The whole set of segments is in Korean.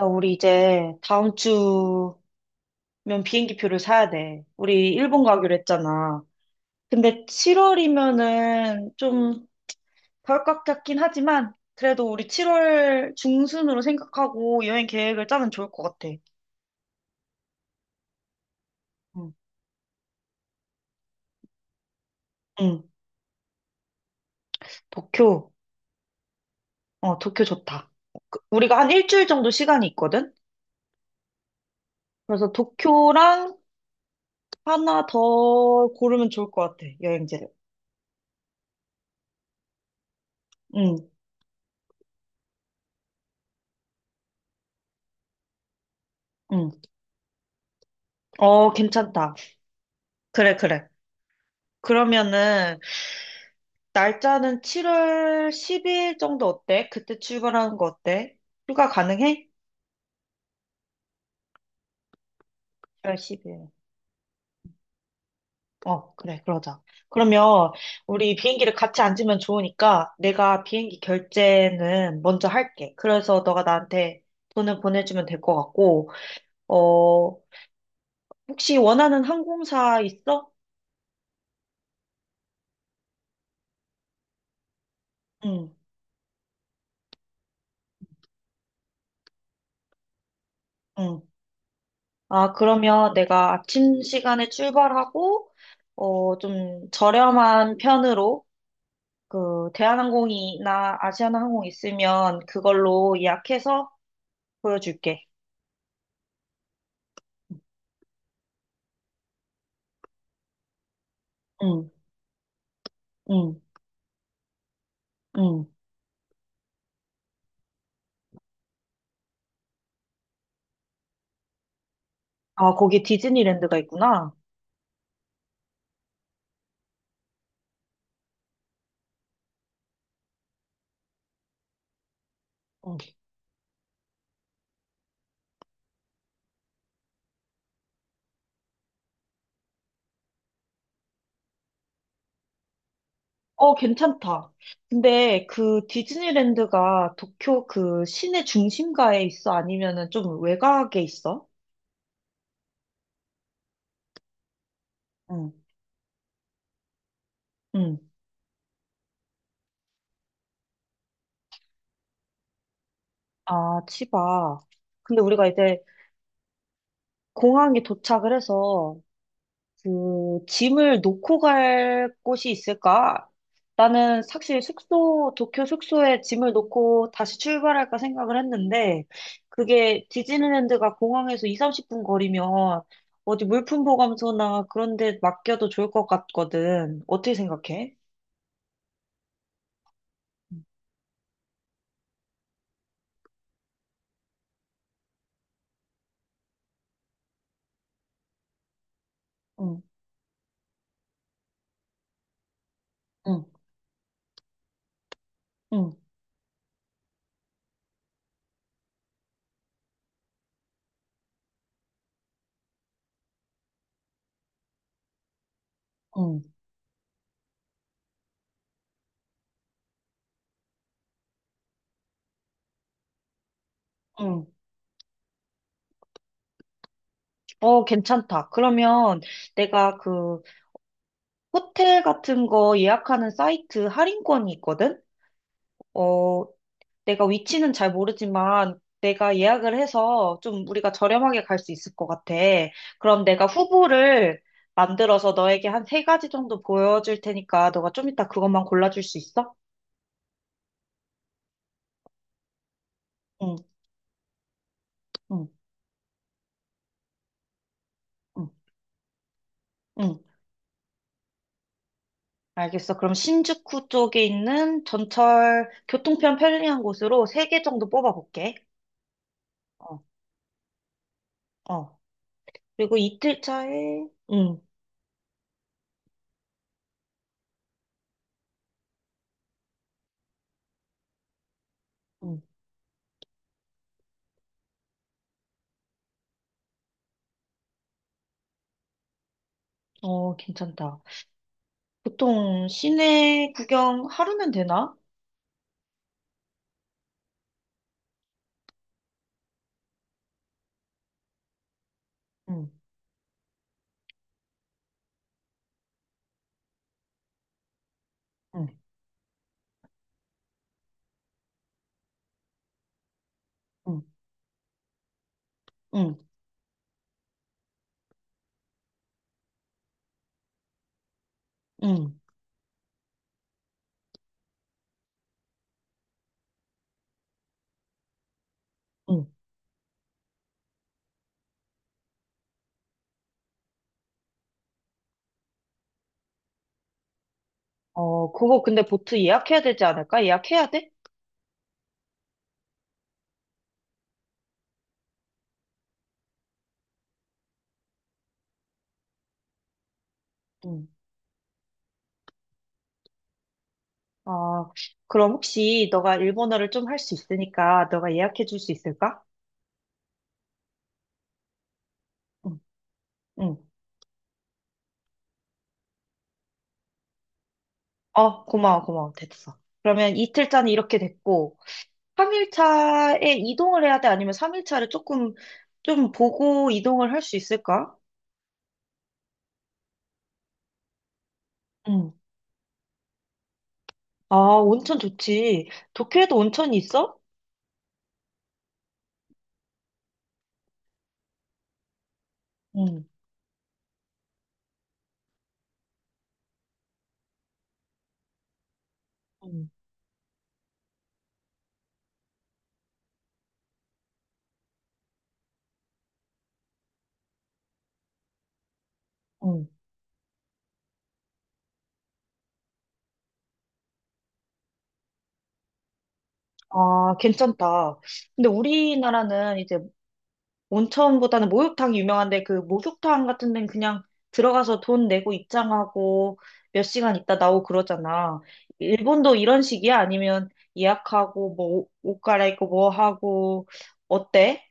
야, 우리 이제 다음 주면 비행기 표를 사야 돼. 우리 일본 가기로 했잖아. 근데 7월이면은 좀 덜컥 같긴 하지만 그래도 우리 7월 중순으로 생각하고 여행 계획을 짜면 좋을 것 같아. 응, 응. 도쿄. 어, 도쿄 좋다. 우리가 한 일주일 정도 시간이 있거든? 그래서 도쿄랑 하나 더 고르면 좋을 것 같아, 여행지를. 응, 응. 어, 괜찮다. 그래, 그래. 그러면은 날짜는 7월 10일 정도 어때? 그때 출발하는 거 어때? 휴가 가능해? 7월 10일. 어, 그래, 그러자. 그러면 우리 비행기를 같이 앉으면 좋으니까 내가 비행기 결제는 먼저 할게. 그래서 너가 나한테 돈을 보내주면 될 것 같고, 어, 혹시 원하는 항공사 있어? 응, 응. 아, 그러면 내가 아침 시간에 출발하고, 어, 좀 저렴한 편으로 그 대한항공이나 아시아나항공 있으면 그걸로 예약해서 보여줄게. 응, 응, 응. 아, 거기 디즈니랜드가 있구나. 응. 어, 괜찮다. 근데 그 디즈니랜드가 도쿄 그 시내 중심가에 있어? 아니면은 좀 외곽에 있어? 응. 응. 아, 치바. 근데 우리가 이제 공항에 도착을 해서 그, 짐을 놓고 갈 곳이 있을까? 나는 사실 숙소, 도쿄 숙소에 짐을 놓고 다시 출발할까 생각을 했는데, 그게 디즈니랜드가 공항에서 2, 30분 거리면 어디 물품 보관소나 그런 데 맡겨도 좋을 것 같거든. 어떻게 생각해? 응, 응, 응, 응, 응. 어, 괜찮다. 그러면 내가 그 호텔 같은 거 예약하는 사이트 할인권이 있거든? 어, 내가 위치는 잘 모르지만 내가 예약을 해서 좀 우리가 저렴하게 갈 수 있을 것 같아. 그럼 내가 후보를 만들어서 너에게 한 세 가지 정도 보여줄 테니까 너가 좀 이따 그것만 골라줄 수 있어? 응, 응, 응, 응. 알겠어. 그럼 신주쿠 쪽에 있는 전철 교통편 편리한 곳으로 세 개 정도 뽑아볼게. 어, 어. 그리고 이틀 차에, 응, 응. 어, 괜찮다. 보통 시내 구경 하루면 되나? 응, 응. 응. 응, 응, 응, 어, 그거 근데 보트 예약해야 되지 않을까? 예약해야 돼? 응. 아, 그럼 혹시 너가 일본어를 좀 할 수 있으니까 너가 예약해 줄 수 있을까? 응, 응. 어, 고마워, 고마워. 됐어. 그러면 이틀짜는 이렇게 됐고, 3일차에 이동을 해야 돼? 아니면 3일차를 조금, 좀 보고 이동을 할 수 있을까? 응, 아, 온천 좋지. 도쿄에도 온천이 있어? 응, 응, 응. 아, 괜찮다. 근데 우리나라는 이제 온천보다는 목욕탕이 유명한데 그 목욕탕 같은 데는 그냥 들어가서 돈 내고 입장하고 몇 시간 있다 나오고 그러잖아. 일본도 이런 식이야? 아니면 예약하고 뭐 옷 갈아입고 뭐 하고 어때?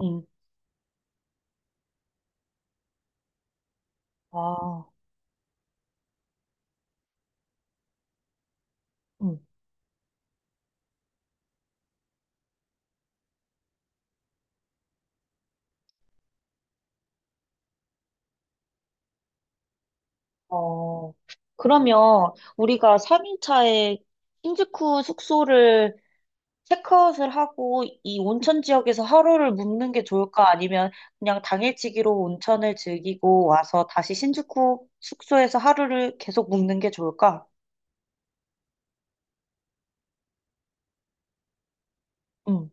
응. 아, 응. 어. 그러면 우리가 3인차에 신주쿠 숙소를 체크아웃을 하고 이 온천 지역에서 하루를 묵는 게 좋을까? 아니면 그냥 당일치기로 온천을 즐기고 와서 다시 신주쿠 숙소에서 하루를 계속 묵는 게 좋을까? 응.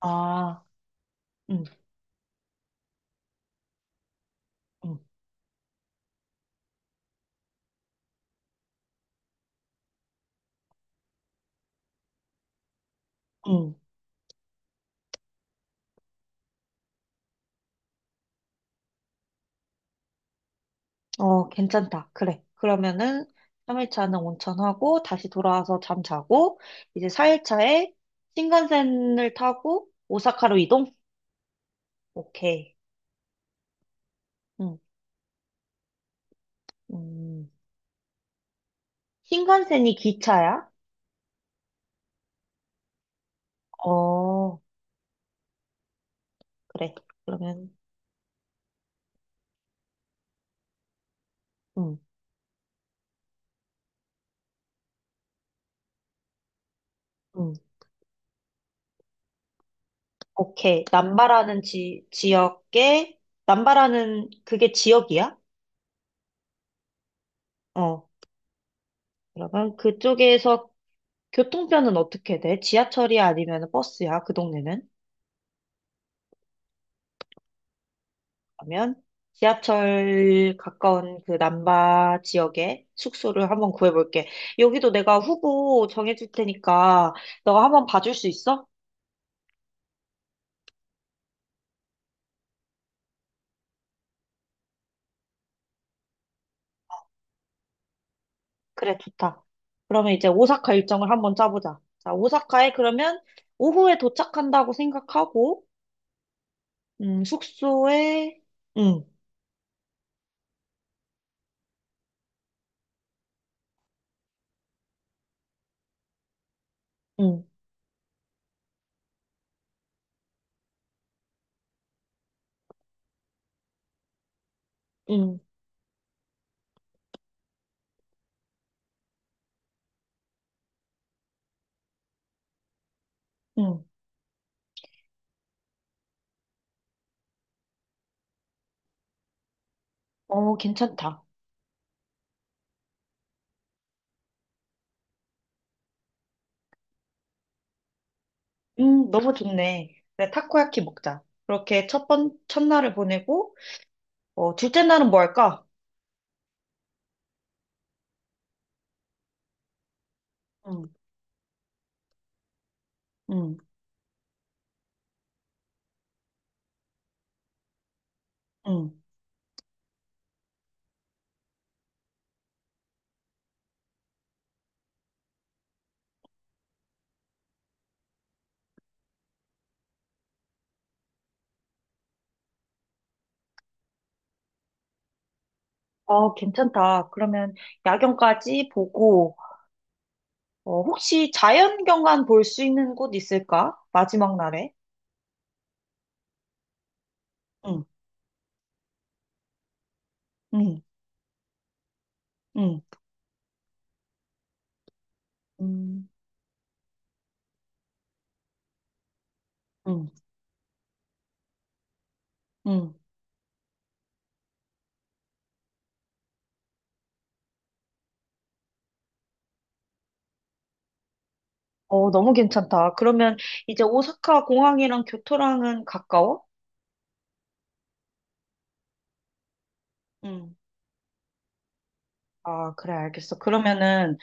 아, 응, 응, 응. 어, 괜찮다. 그래. 그러면은 3일차는 온천하고 다시 돌아와서 잠 자고 이제 4일차에 신칸센을 타고 오사카로 이동? 오케이. 응. 음, 신칸센이 기차야? 어, 그래. 그러면 응, 응, 오케이. 남바라는 지역에, 남바라는 그게 지역이야? 어. 그러면 그쪽에서 교통편은 어떻게 돼? 지하철이 아니면 버스야? 그 동네는? 그러면 지하철 가까운 그 남바 지역에 숙소를 한번 구해볼게. 여기도 내가 후보 정해줄 테니까 너가 한번 봐줄 수 있어? 그래, 좋다. 그러면 이제 오사카 일정을 한번 짜보자. 자, 오사카에 그러면 오후에 도착한다고 생각하고, 숙소에, 응, 응, 응, 응. 어, 괜찮다. 너무 좋네. 그래, 타코야키 먹자. 그렇게 첫날을 보내고, 어, 둘째 날은 뭐 할까? 응, 응, 응. 어, 괜찮다. 그러면 야경까지 보고, 어, 혹시 자연경관 볼 수 있는 곳 있을까? 마지막 날에? 응, 응, 응, 응, 응, 응. 어, 너무 괜찮다. 그러면 이제 오사카 공항이랑 교토랑은 가까워? 응. 아, 그래, 알겠어. 그러면은,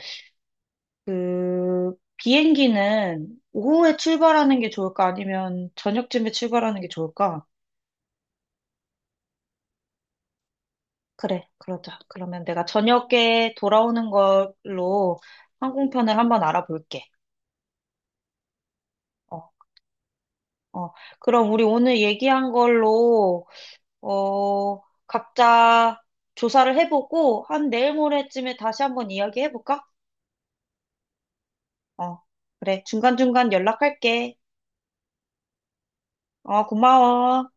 그, 비행기는 오후에 출발하는 게 좋을까? 아니면 저녁쯤에 출발하는 게 좋을까? 그래, 그러자. 그러면 내가 저녁에 돌아오는 걸로 항공편을 한번 알아볼게. 어, 어. 그럼 우리 오늘 얘기한 걸로, 어, 각자 조사를 해보고, 한 내일 모레쯤에 다시 한번 이야기해볼까? 어, 그래. 중간중간 연락할게. 어, 고마워.